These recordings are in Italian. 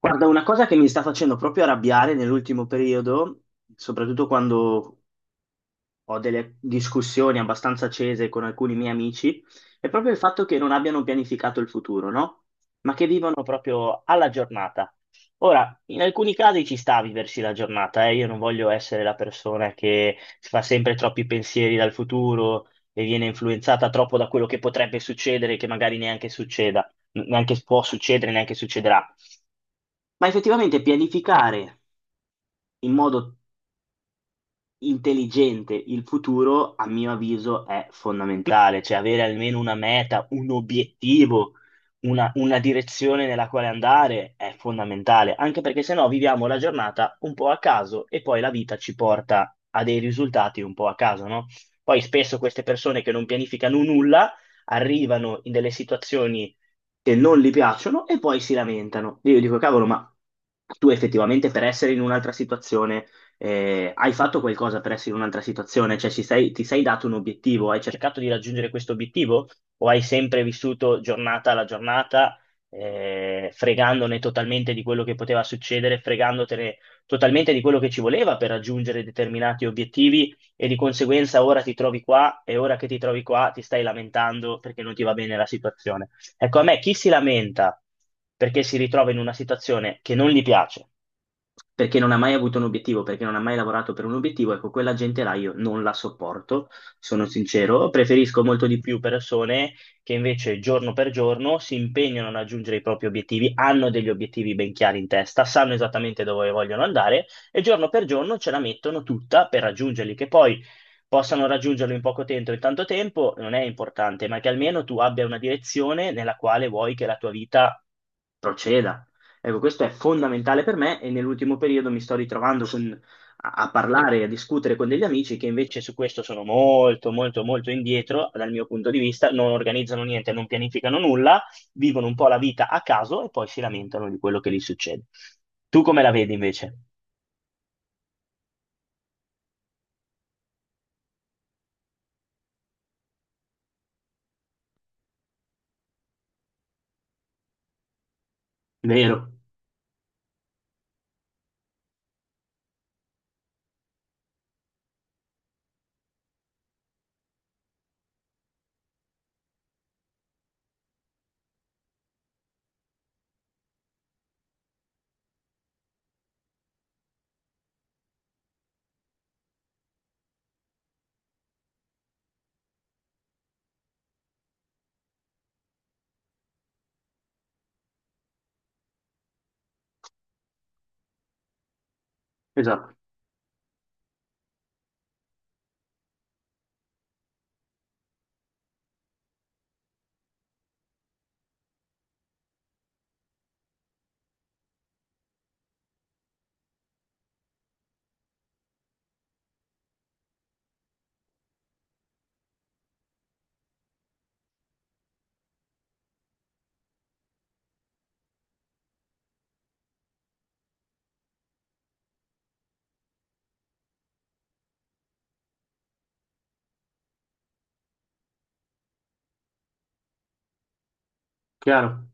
Guarda, una cosa che mi sta facendo proprio arrabbiare nell'ultimo periodo, soprattutto quando ho delle discussioni abbastanza accese con alcuni miei amici, è proprio il fatto che non abbiano pianificato il futuro, no? Ma che vivono proprio alla giornata. Ora, in alcuni casi ci sta a viversi la giornata, eh? Io non voglio essere la persona che si fa sempre troppi pensieri dal futuro e viene influenzata troppo da quello che potrebbe succedere, che magari neanche succeda, neanche può succedere, neanche succederà. Ma effettivamente pianificare in modo intelligente il futuro, a mio avviso, è fondamentale, cioè avere almeno una meta, un obiettivo, una direzione nella quale andare è fondamentale, anche perché se no viviamo la giornata un po' a caso e poi la vita ci porta a dei risultati un po' a caso, no? Poi spesso queste persone che non pianificano nulla arrivano in delle situazioni che non gli piacciono e poi si lamentano. Io dico, cavolo, ma tu effettivamente per essere in un'altra situazione hai fatto qualcosa per essere in un'altra situazione? Cioè, ti sei dato un obiettivo? Hai cercato di raggiungere questo obiettivo? O hai sempre vissuto giornata alla giornata, fregandone totalmente di quello che poteva succedere, fregandotene totalmente di quello che ci voleva per raggiungere determinati obiettivi e di conseguenza ora ti trovi qua e ora che ti trovi qua ti stai lamentando perché non ti va bene la situazione. Ecco, a me chi si lamenta perché si ritrova in una situazione che non gli piace, perché non ha mai avuto un obiettivo, perché non ha mai lavorato per un obiettivo, ecco, quella gente là io non la sopporto, sono sincero, preferisco molto di più persone che invece giorno per giorno si impegnano a raggiungere i propri obiettivi, hanno degli obiettivi ben chiari in testa, sanno esattamente dove vogliono andare e giorno per giorno ce la mettono tutta per raggiungerli, che poi possano raggiungerlo in poco tempo o in tanto tempo non è importante, ma che almeno tu abbia una direzione nella quale vuoi che la tua vita proceda. Ecco, questo è fondamentale per me e nell'ultimo periodo mi sto ritrovando a parlare e a discutere con degli amici che invece su questo sono molto, molto, molto indietro dal mio punto di vista, non organizzano niente, non pianificano nulla, vivono un po' la vita a caso e poi si lamentano di quello che gli succede. Tu come la vedi invece? Vero, esatto, chiaro.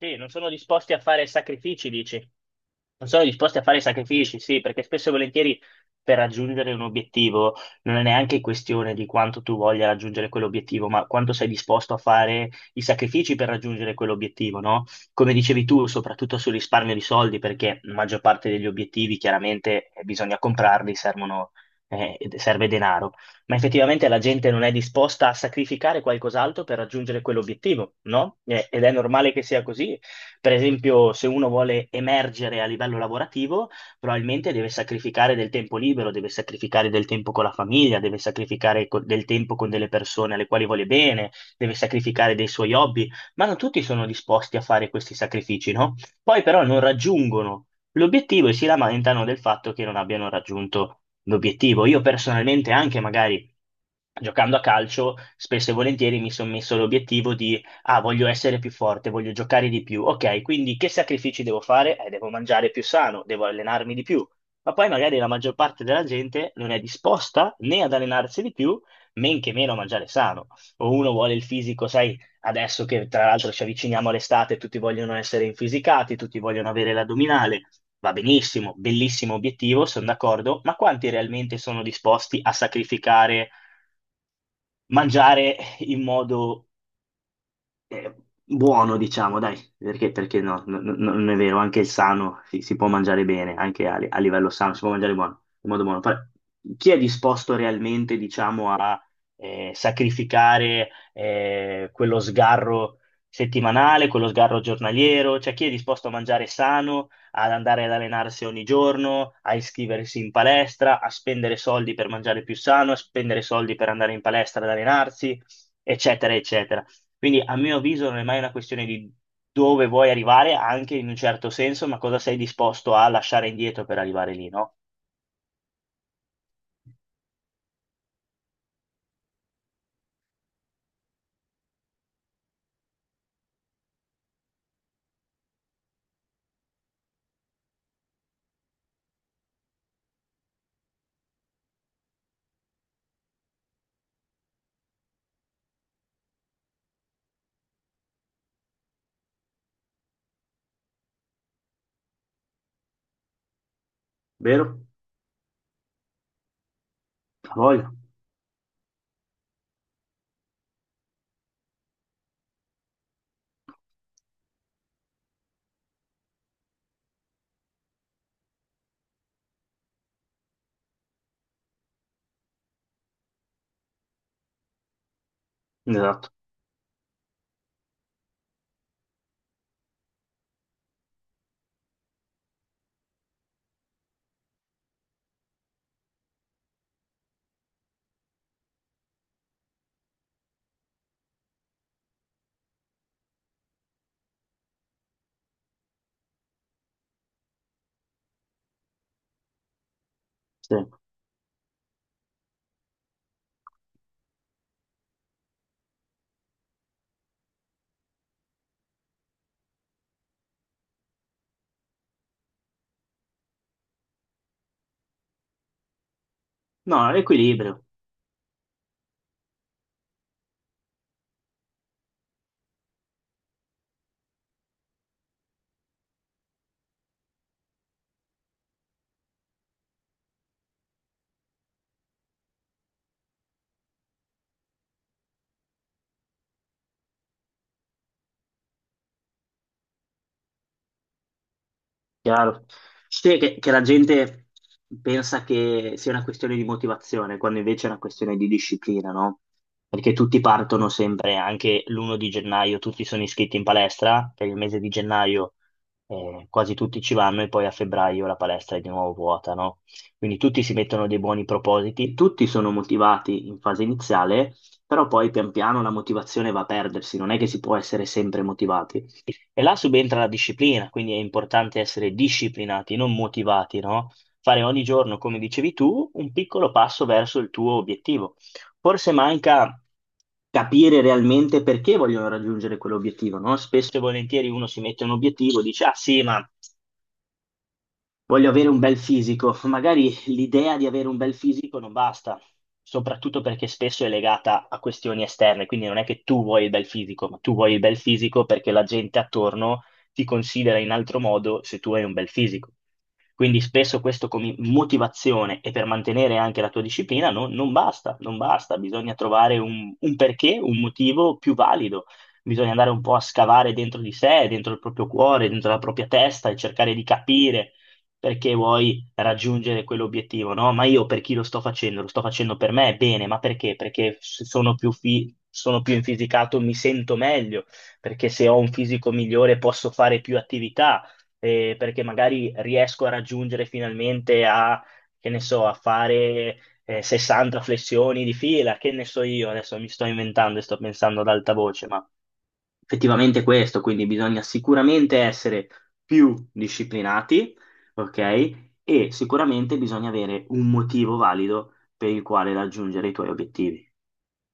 Sì, non sono disposti a fare sacrifici, dici? Non sono disposti a fare sacrifici, sì, perché spesso e volentieri per raggiungere un obiettivo non è neanche questione di quanto tu voglia raggiungere quell'obiettivo, ma quanto sei disposto a fare i sacrifici per raggiungere quell'obiettivo, no? Come dicevi tu, soprattutto sul risparmio di soldi, perché la maggior parte degli obiettivi chiaramente bisogna comprarli, servono, serve denaro, ma effettivamente la gente non è disposta a sacrificare qualcos'altro per raggiungere quell'obiettivo, no? Ed è normale che sia così per esempio, se uno vuole emergere a livello lavorativo, probabilmente deve sacrificare del tempo libero, deve sacrificare del tempo con la famiglia, deve sacrificare del tempo con delle persone alle quali vuole bene, deve sacrificare dei suoi hobby, ma non tutti sono disposti a fare questi sacrifici, no? Poi però non raggiungono l'obiettivo e si lamentano del fatto che non abbiano raggiunto l'obiettivo. Io personalmente anche magari giocando a calcio, spesso e volentieri mi sono messo l'obiettivo di, ah, voglio essere più forte, voglio giocare di più. Ok, quindi che sacrifici devo fare? Devo mangiare più sano, devo allenarmi di più. Ma poi magari la maggior parte della gente non è disposta né ad allenarsi di più, men che meno a mangiare sano. O uno vuole il fisico, sai, adesso che tra l'altro ci avviciniamo all'estate, tutti vogliono essere infisicati, tutti vogliono avere l'addominale. Va benissimo, bellissimo obiettivo, sono d'accordo, ma quanti realmente sono disposti a sacrificare? Mangiare in modo eh, buono, diciamo, dai, perché, perché no, no, non è vero, anche il sano si può mangiare bene, anche a livello sano si può mangiare buono, in modo buono. Però chi è disposto realmente, diciamo, a sacrificare quello sgarro settimanale, quello sgarro giornaliero? Cioè chi è disposto a mangiare sano, ad andare ad allenarsi ogni giorno, a iscriversi in palestra, a spendere soldi per mangiare più sano, a spendere soldi per andare in palestra ad allenarsi? Eccetera, eccetera. Quindi a mio avviso non è mai una questione di dove vuoi arrivare, anche in un certo senso, ma cosa sei disposto a lasciare indietro per arrivare lì, no? Vero? A voglia. Esatto. Sì. No, equilibrio. Chiaro. Sì, che la gente pensa che sia una questione di motivazione, quando invece è una questione di disciplina, no? Perché tutti partono sempre, anche l'uno di gennaio, tutti sono iscritti in palestra, per il mese di gennaio quasi tutti ci vanno e poi a febbraio la palestra è di nuovo vuota, no? Quindi tutti si mettono dei buoni propositi, tutti sono motivati in fase iniziale, però poi pian piano la motivazione va a perdersi, non è che si può essere sempre motivati. E là subentra la disciplina, quindi è importante essere disciplinati, non motivati, no? Fare ogni giorno, come dicevi tu, un piccolo passo verso il tuo obiettivo. Forse manca capire realmente perché vogliono raggiungere quell'obiettivo, no? Spesso e volentieri uno si mette un obiettivo, dice, ah sì, ma voglio avere un bel fisico. Magari l'idea di avere un bel fisico non basta, soprattutto perché spesso è legata a questioni esterne, quindi non è che tu vuoi il bel fisico, ma tu vuoi il bel fisico perché la gente attorno ti considera in altro modo se tu hai un bel fisico. Quindi spesso questo come motivazione e per mantenere anche la tua disciplina non basta, non basta, bisogna trovare un perché, un motivo più valido. Bisogna andare un po' a scavare dentro di sé, dentro il proprio cuore, dentro la propria testa e cercare di capire perché vuoi raggiungere quell'obiettivo, no? Ma io per chi lo sto facendo? Lo sto facendo per me, bene, ma perché? Perché se sono più, sono più infisicato, mi sento meglio, perché se ho un fisico migliore posso fare più attività, perché magari riesco a raggiungere finalmente a, che ne so, a fare... 60 flessioni di fila, che ne so io, adesso mi sto inventando e sto pensando ad alta voce, ma effettivamente questo, quindi bisogna sicuramente essere più disciplinati, ok? E sicuramente bisogna avere un motivo valido per il quale raggiungere i tuoi obiettivi.